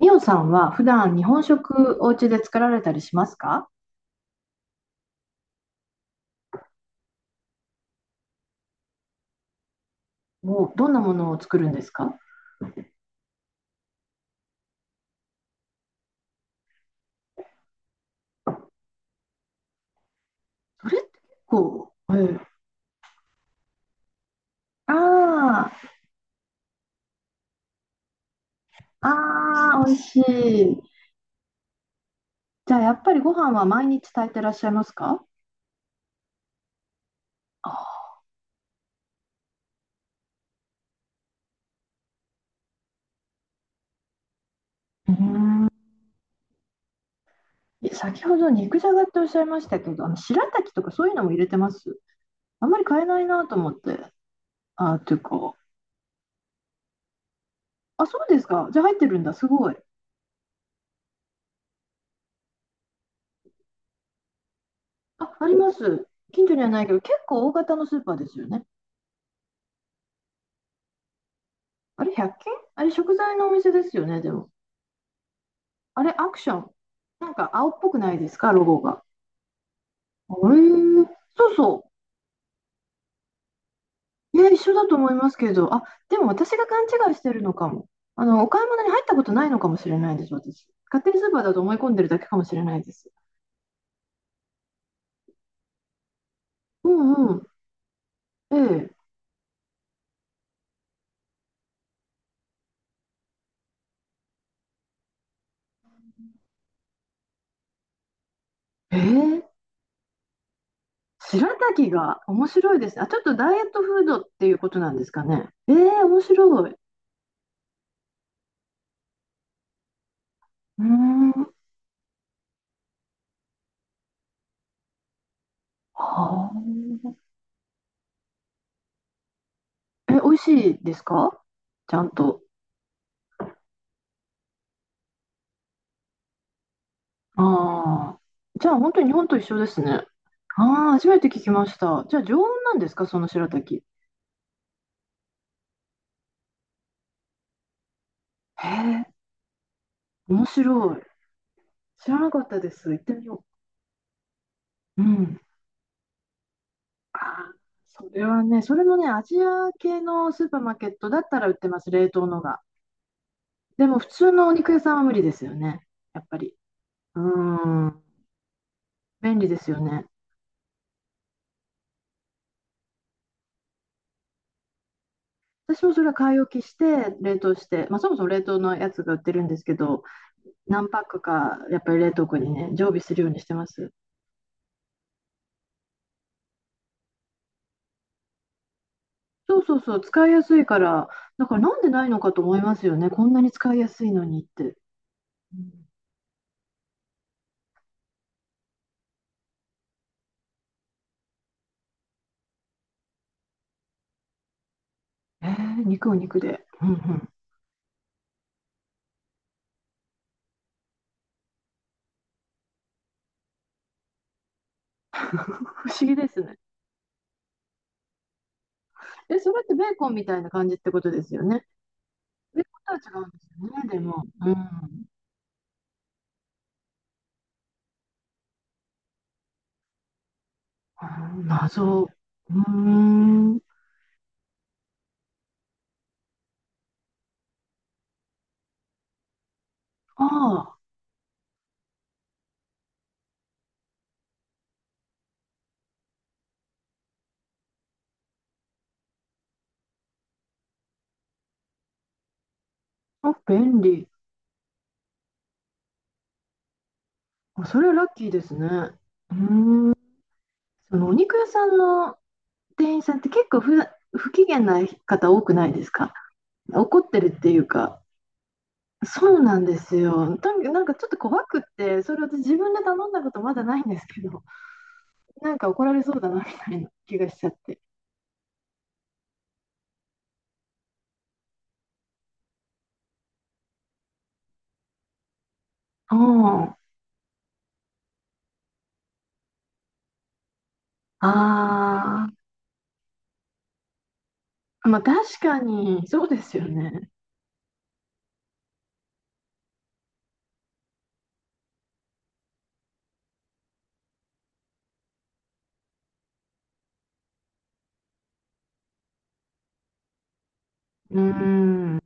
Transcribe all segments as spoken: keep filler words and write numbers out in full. みおさんは普段日本食お家で作られたりしますか？もうどんなものを作るんですか？それって結構、ええ。ああ、ああ、美味しい。じゃあやっぱりご飯は毎日炊いてらっしゃいますか？あ、うーん。先ほど肉じゃがっておっしゃいましたけど、あの白滝とかそういうのも入れてます？あんまり買えないなと思って。ああ、というか、あ、そうですか。じゃあ入ってるんだ。すごい。あ、あります。近所にはないけど、結構大型のスーパーですよね。あれ、ひゃっきん均あれ、食材のお店ですよね、でも。あれ、アクション。なんか青っぽくないですか、ロゴが。あれ、そうそう。いや、一緒だと思いますけど、あ、でも私が勘違いしてるのかも。あの、お買い物に入ったことないのかもしれないです、私。勝手にスーパーだと思い込んでるだけかもしれないです。うんうん。ええ。ええ。白滝が面白いですね。あ、ちょっとダイエットフードっていうことなんですかね。ええ、面白い。うーん。はあ。え、美味しいですか？ちゃんと。ああ、じゃあ本当に日本と一緒ですね。ああ、初めて聞きました。じゃあ常温なんですか、その白滝。へえ、面白い。知らなかったです。行ってみよう。うん。ああ、それはね、それもね、アジア系のスーパーマーケットだったら売ってます、冷凍のが。でも普通のお肉屋さんは無理ですよね、やっぱり。うーん、便利ですよね。私もそれは買い置きして、冷凍して、まあ、そもそも冷凍のやつが売ってるんですけど、何パックかやっぱり冷凍庫にね、常備するようにしてます。そうそうそう、使いやすいから、だからなんでないのかと思いますよね、こんなに使いやすいのにって。うん。えー、肉を肉で。うんうん。不思議ですね。え、それってベーコンみたいな感じってことですよね。ベーコンとは違うんですよね、でも。うん。あー謎。うーん。あーあ便利。あ、それはラッキーですね。うーん。そのお肉屋さんの店員さんって結構ふ、不機嫌な方多くないですか？怒ってるっていうか、そうなんですよ。とにかくなんかちょっと怖くって、それ私自分で頼んだことまだないんですけど、なんか怒られそうだなみたいな気がしちゃって。うん。ああ、まあ確かに、そうですよね。うん、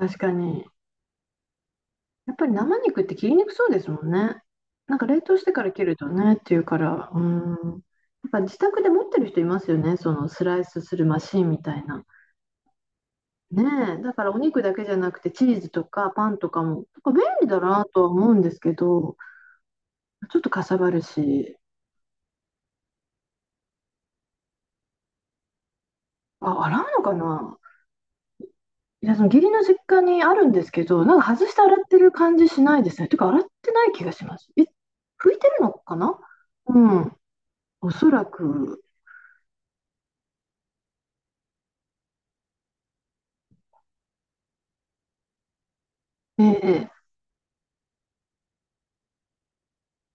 確かに。やっぱり生肉って切りにくそうですもんね。なんか冷凍してから切るとねっていうから、うん。やっぱ自宅で持ってる人いますよね、そのスライスするマシンみたいな。ねえ、だからお肉だけじゃなくてチーズとかパンとかも、なんか便利だなとは思うんですけど、ちょっとかさばるし、あ、洗うのかな？いや、その義理の実家にあるんですけど、なんか外して洗ってる感じしないですね。てか洗ってない気がします。え、拭いてるのかな？うん、おそらく。ええ。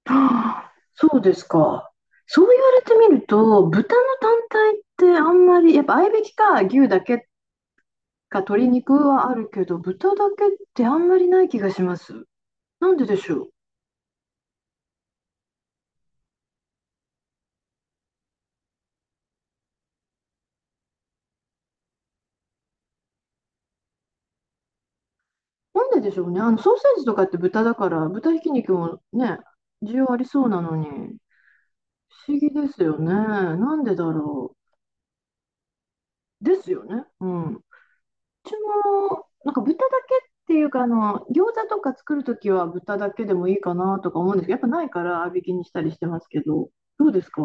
はあ そうですか。そう言われてみると、豚の単体ってあんまり、やっぱ合いびきか牛だけっか鶏肉はあるけど、豚だけってあんまりない気がします。なんででしょう。なんででしょうね。あのソーセージとかって豚だから、豚ひき肉もね、需要ありそうなのに、不思議ですよね。なんでだろう。ですよね。うん。うちも、なんか豚だけっていうか、あの、餃子とか作るときは豚だけでもいいかなとか思うんですけど、やっぱないから合いびきにしたりしてますけど、どうですか？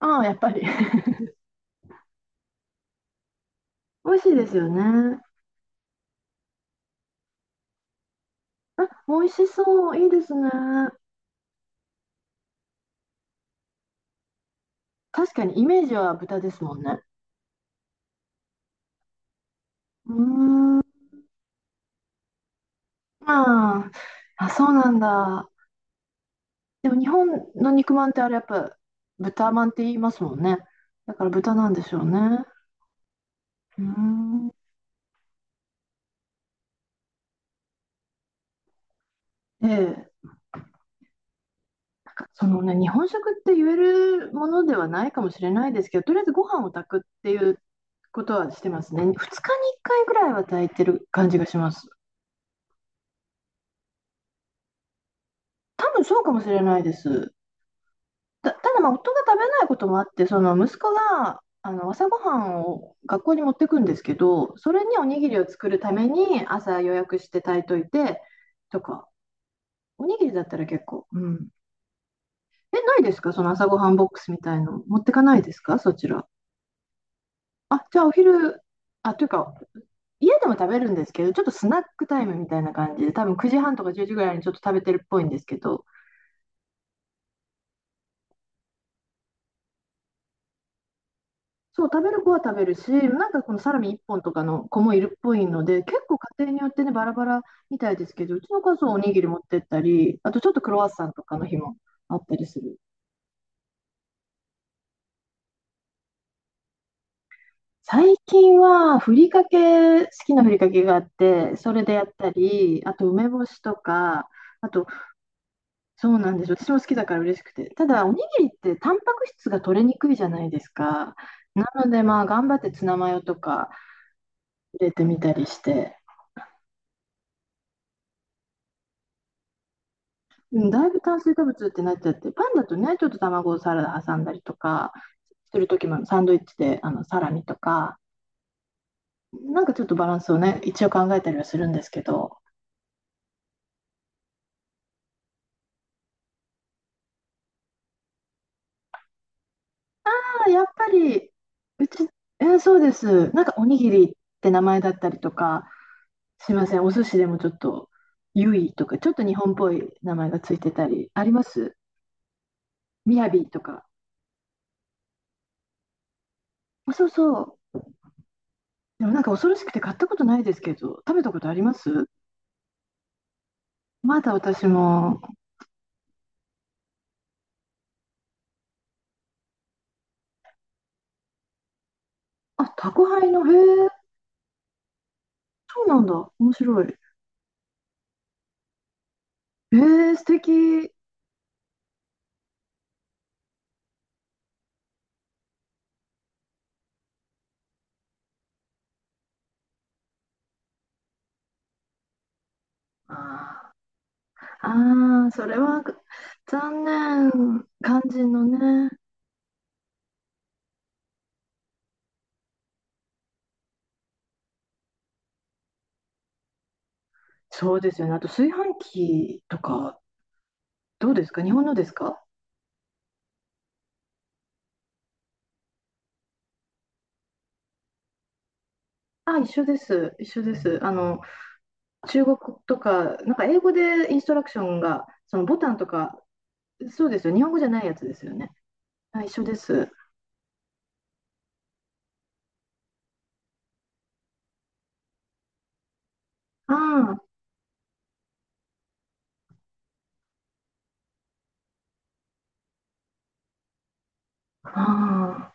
ああ、やっぱり。美味しいですよね。あ、美味しそう。いいですね。確かにイメージは豚ですもんね。うーん、まあ、あ、そうなんだ。でも日本の肉まんってあれやっぱ豚まんって言いますもんね。だから豚なんでしょうね。うーん。で、なんかそのね、日本食って言えるものではないかもしれないですけど、とりあえずご飯を炊くっていうことはしてますね。ふつかにいっかいぐらいは炊いてる感じがします。多分そうかもしれないです。た、ただまあ夫が食べないこともあって、その息子があの朝ごはんを学校に持ってくんですけど、それにおにぎりを作るために朝予約して炊いといてとか、おにぎりだったら結構、うん。え、ないですか？その朝ごはんボックスみたいの持ってかないですか、そちら。あ、じゃあお昼、あ、というか、家でも食べるんですけど、ちょっとスナックタイムみたいな感じで、多分くじはんとかじゅうじぐらいにちょっと食べてるっぽいんですけど、そう、食べる子は食べるし、なんかこのサラミいっぽんとかの子もいるっぽいので、結構家庭によってね、バラバラみたいですけど、うちの家族はおにぎり持ってったり、あとちょっとクロワッサンとかの日もあったりする。最近はふりかけ、好きなふりかけがあって、それでやったり、あと梅干しとか、あと、そうなんですよ。私も好きだから嬉しくて。ただ、おにぎりってタンパク質が取れにくいじゃないですか。なので、まあ、頑張ってツナマヨとか入れてみたりして。うん、だいぶ炭水化物ってなっちゃって、パンだとね、ちょっと卵をサラダ挟んだりとか、する時もサンドイッチであのサラミとか、なんかちょっとバランスをね、一応考えたりはするんですけど、まあやっぱり、うち、えーそうです、なんかおにぎりって名前だったりとか、すいません、お寿司でもちょっと、ゆいとか、ちょっと日本っぽい名前がついてたり、あります？みやびとか。そうそう。でもなんか恐ろしくて買ったことないですけど、食べたことあります？まだ私も。あ、宅配の、へえ、そうなんだ。面白い。へえ、素敵。あーあー、それは残念。肝心のね。そうですよね。あと炊飯器とか、どうですか、日本のですか？あ、一緒です。一緒です。あの、中国とか、なんか英語でインストラクションが、そのボタンとか、そうですよ。日本語じゃないやつですよね。あ、一緒です。ああ、ああ。